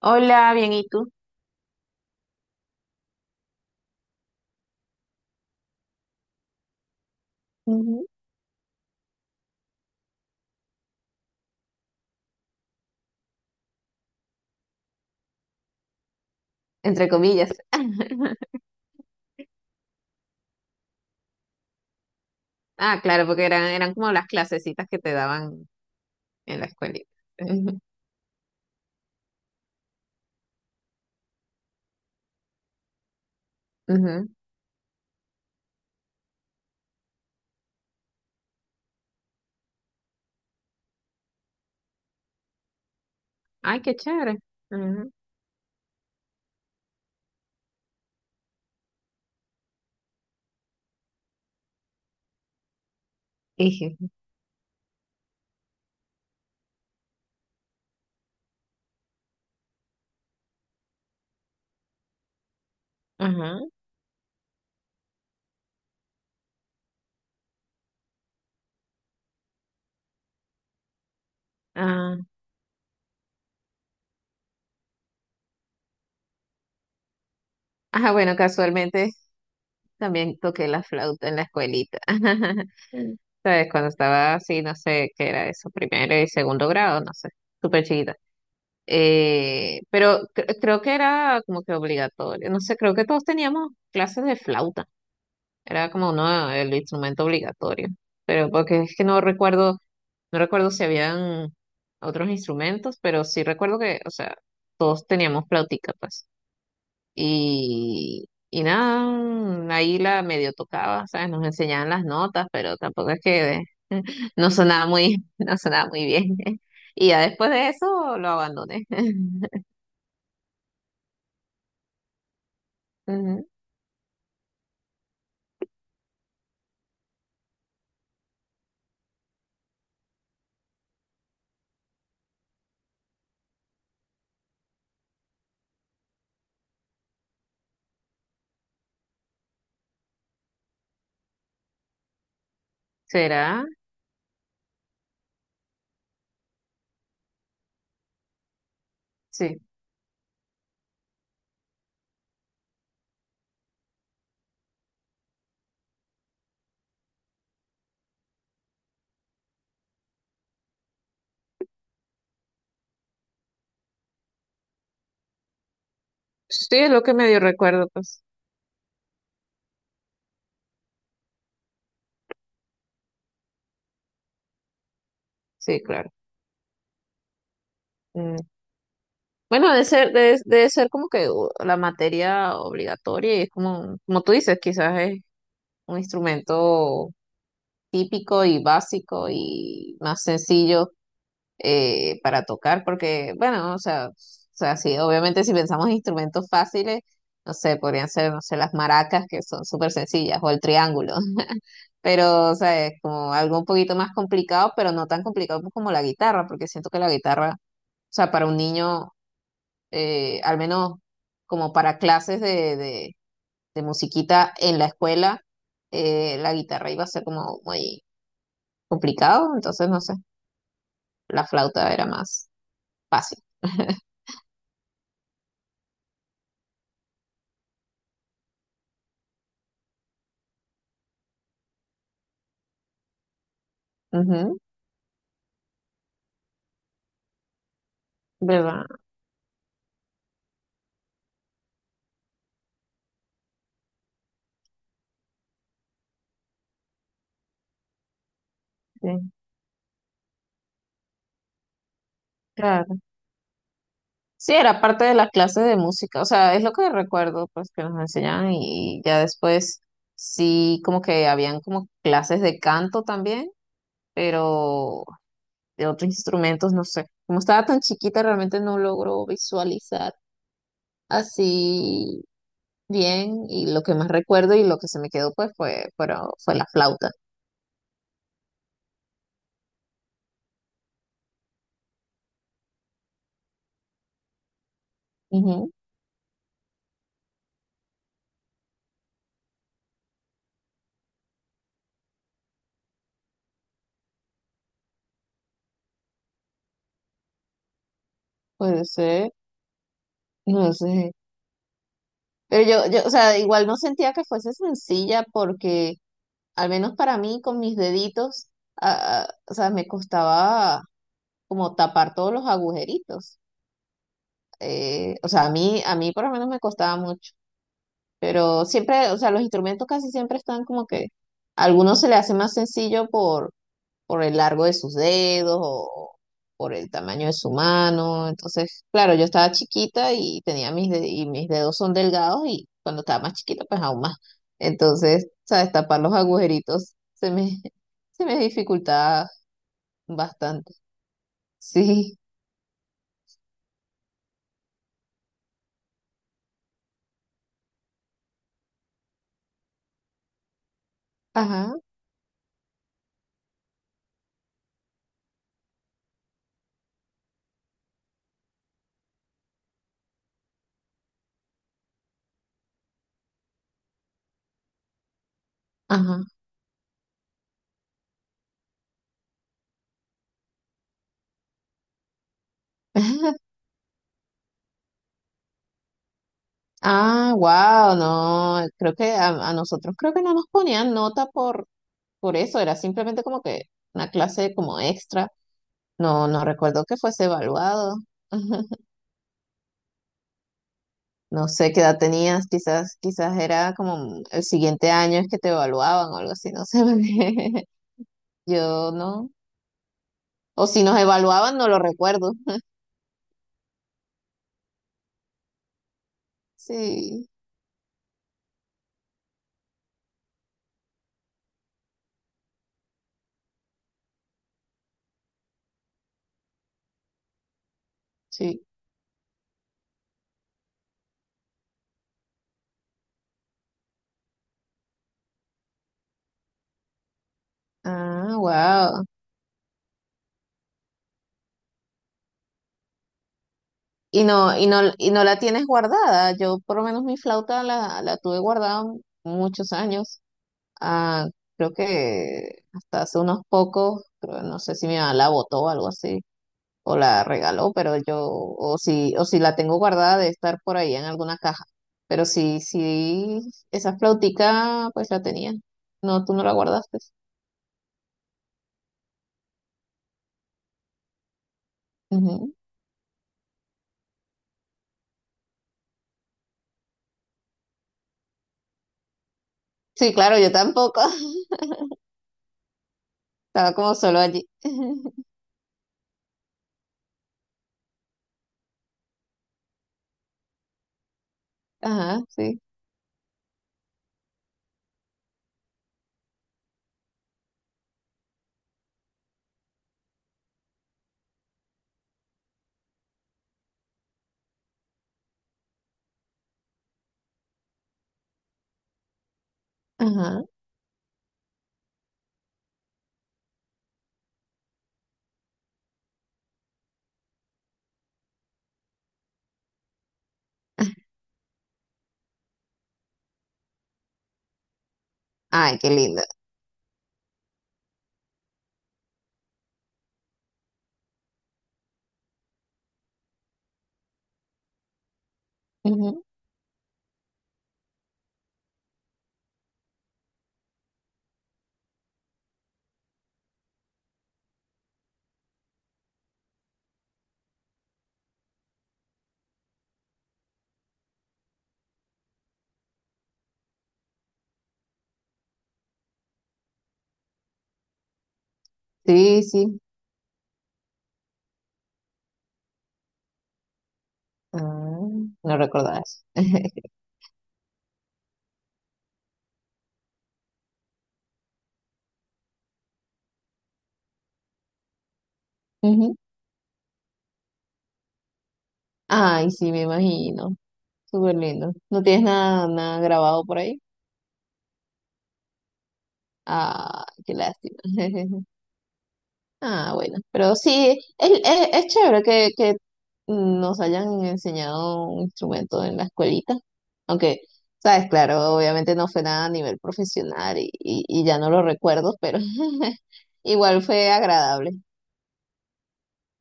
Hola, bien, ¿y tú? Ujú. Entre comillas. Ah, claro, porque eran como las clasecitas que te daban en la escuelita. Ujú, ujú. Ay, qué chévere. Ujú. Dije, ajá, ah. Ajá, bueno, casualmente también toqué la flauta en la escuelita. ¿Sabes? Cuando estaba así, no sé qué era eso, primero y segundo grado, no sé, súper chiquita. Pero creo que era como que obligatorio. No sé, creo que todos teníamos clases de flauta. Era como uno, el instrumento obligatorio. Pero porque es que no recuerdo si habían otros instrumentos, pero sí recuerdo que, o sea, todos teníamos flautica, pues. Y nada, ahí la medio tocaba, ¿sabes? Nos enseñaban las notas, pero tampoco es que no sonaba muy bien. Y ya después de eso lo abandoné. Ujú. ¿Será? Sí. Sí, es lo que medio recuerdo, pues. Sí, claro. Bueno, debe ser como que la materia obligatoria y es como, como tú dices, quizás es un instrumento típico y básico y más sencillo, para tocar, porque, bueno, o sea, sí, obviamente si pensamos en instrumentos fáciles, no sé, podrían ser, no sé, las maracas que son súper sencillas o el triángulo, pero, o sea, es como algo un poquito más complicado, pero no tan complicado como la guitarra, porque siento que la guitarra... O sea, para un niño, al menos como para clases de musiquita en la escuela, la guitarra iba a ser como muy complicado, entonces no sé, la flauta era más fácil. Ujú, ¿verdad? Sí, claro. Sí, era parte de las clases de música, o sea, es lo que recuerdo, pues que nos enseñaban y ya después sí, como que habían como clases de canto también, pero de otros instrumentos, no sé. Como estaba tan chiquita, realmente no logro visualizar así bien, y lo que más recuerdo y lo que se me quedó pues fue, fue la flauta. Ujú, puede ser, no sé. Pero yo, o sea, igual no sentía que fuese sencilla porque al menos para mí con mis deditos, o sea, me costaba como tapar todos los agujeritos. O sea, a mí por lo menos me costaba mucho. Pero siempre, o sea, los instrumentos casi siempre están como que a algunos se le hace más sencillo por el largo de sus dedos o por el tamaño de su mano. Entonces, claro, yo estaba chiquita y tenía y mis dedos son delgados y cuando estaba más chiquita, pues aún más. Entonces, sabes, tapar los agujeritos se me, se me dificultaba bastante. Sí, ajá, ajá. Ah, wow, no, creo que a nosotros creo que no nos ponían nota por eso, era simplemente como que una clase como extra. No, no recuerdo que fuese evaluado. No sé qué edad tenías, quizás era como el siguiente año es que te evaluaban o algo así, no sé. Porque yo no. O si nos evaluaban, no lo recuerdo. Sí, sí. Ah, wow. Y no la tienes guardada. Yo por lo menos mi flauta la tuve guardada muchos años. Ah, creo que hasta hace unos pocos, creo, no sé si mi mamá la botó o algo así, o la regaló, pero yo, o si la tengo guardada de estar por ahí en alguna caja. Pero sí, sí, esa flautica, pues la tenía. No, tú no la guardaste. Ujú. Sí, claro, yo tampoco. Estaba como solo allí. Ajá, sí. Ajá. Ay, qué linda. Ujú. Sí, sí. Ah, no recordaba eso. Ujú. Ay, sí, me imagino. Súper lindo. ¿No tienes nada, nada grabado por ahí? Ah, qué lástima. Ah, bueno, pero sí, es chévere que nos hayan enseñado un instrumento en la escuelita, aunque, sabes, claro, obviamente no fue nada a nivel profesional y, y ya no lo recuerdo, pero igual fue agradable.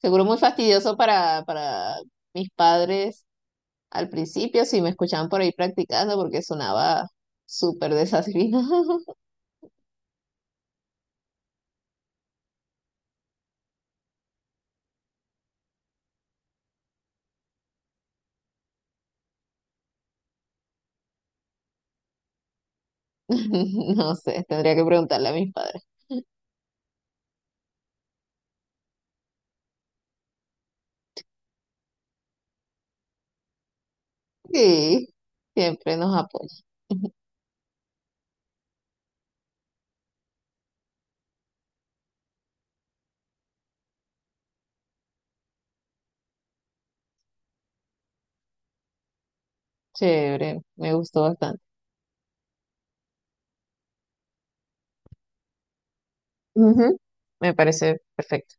Seguro muy fastidioso para mis padres al principio, si me escuchaban por ahí practicando, porque sonaba súper desafinado. No sé, tendría que preguntarle a mis padres. Sí, siempre nos apoyan. Chévere, me gustó bastante. Ujú, me parece perfecto.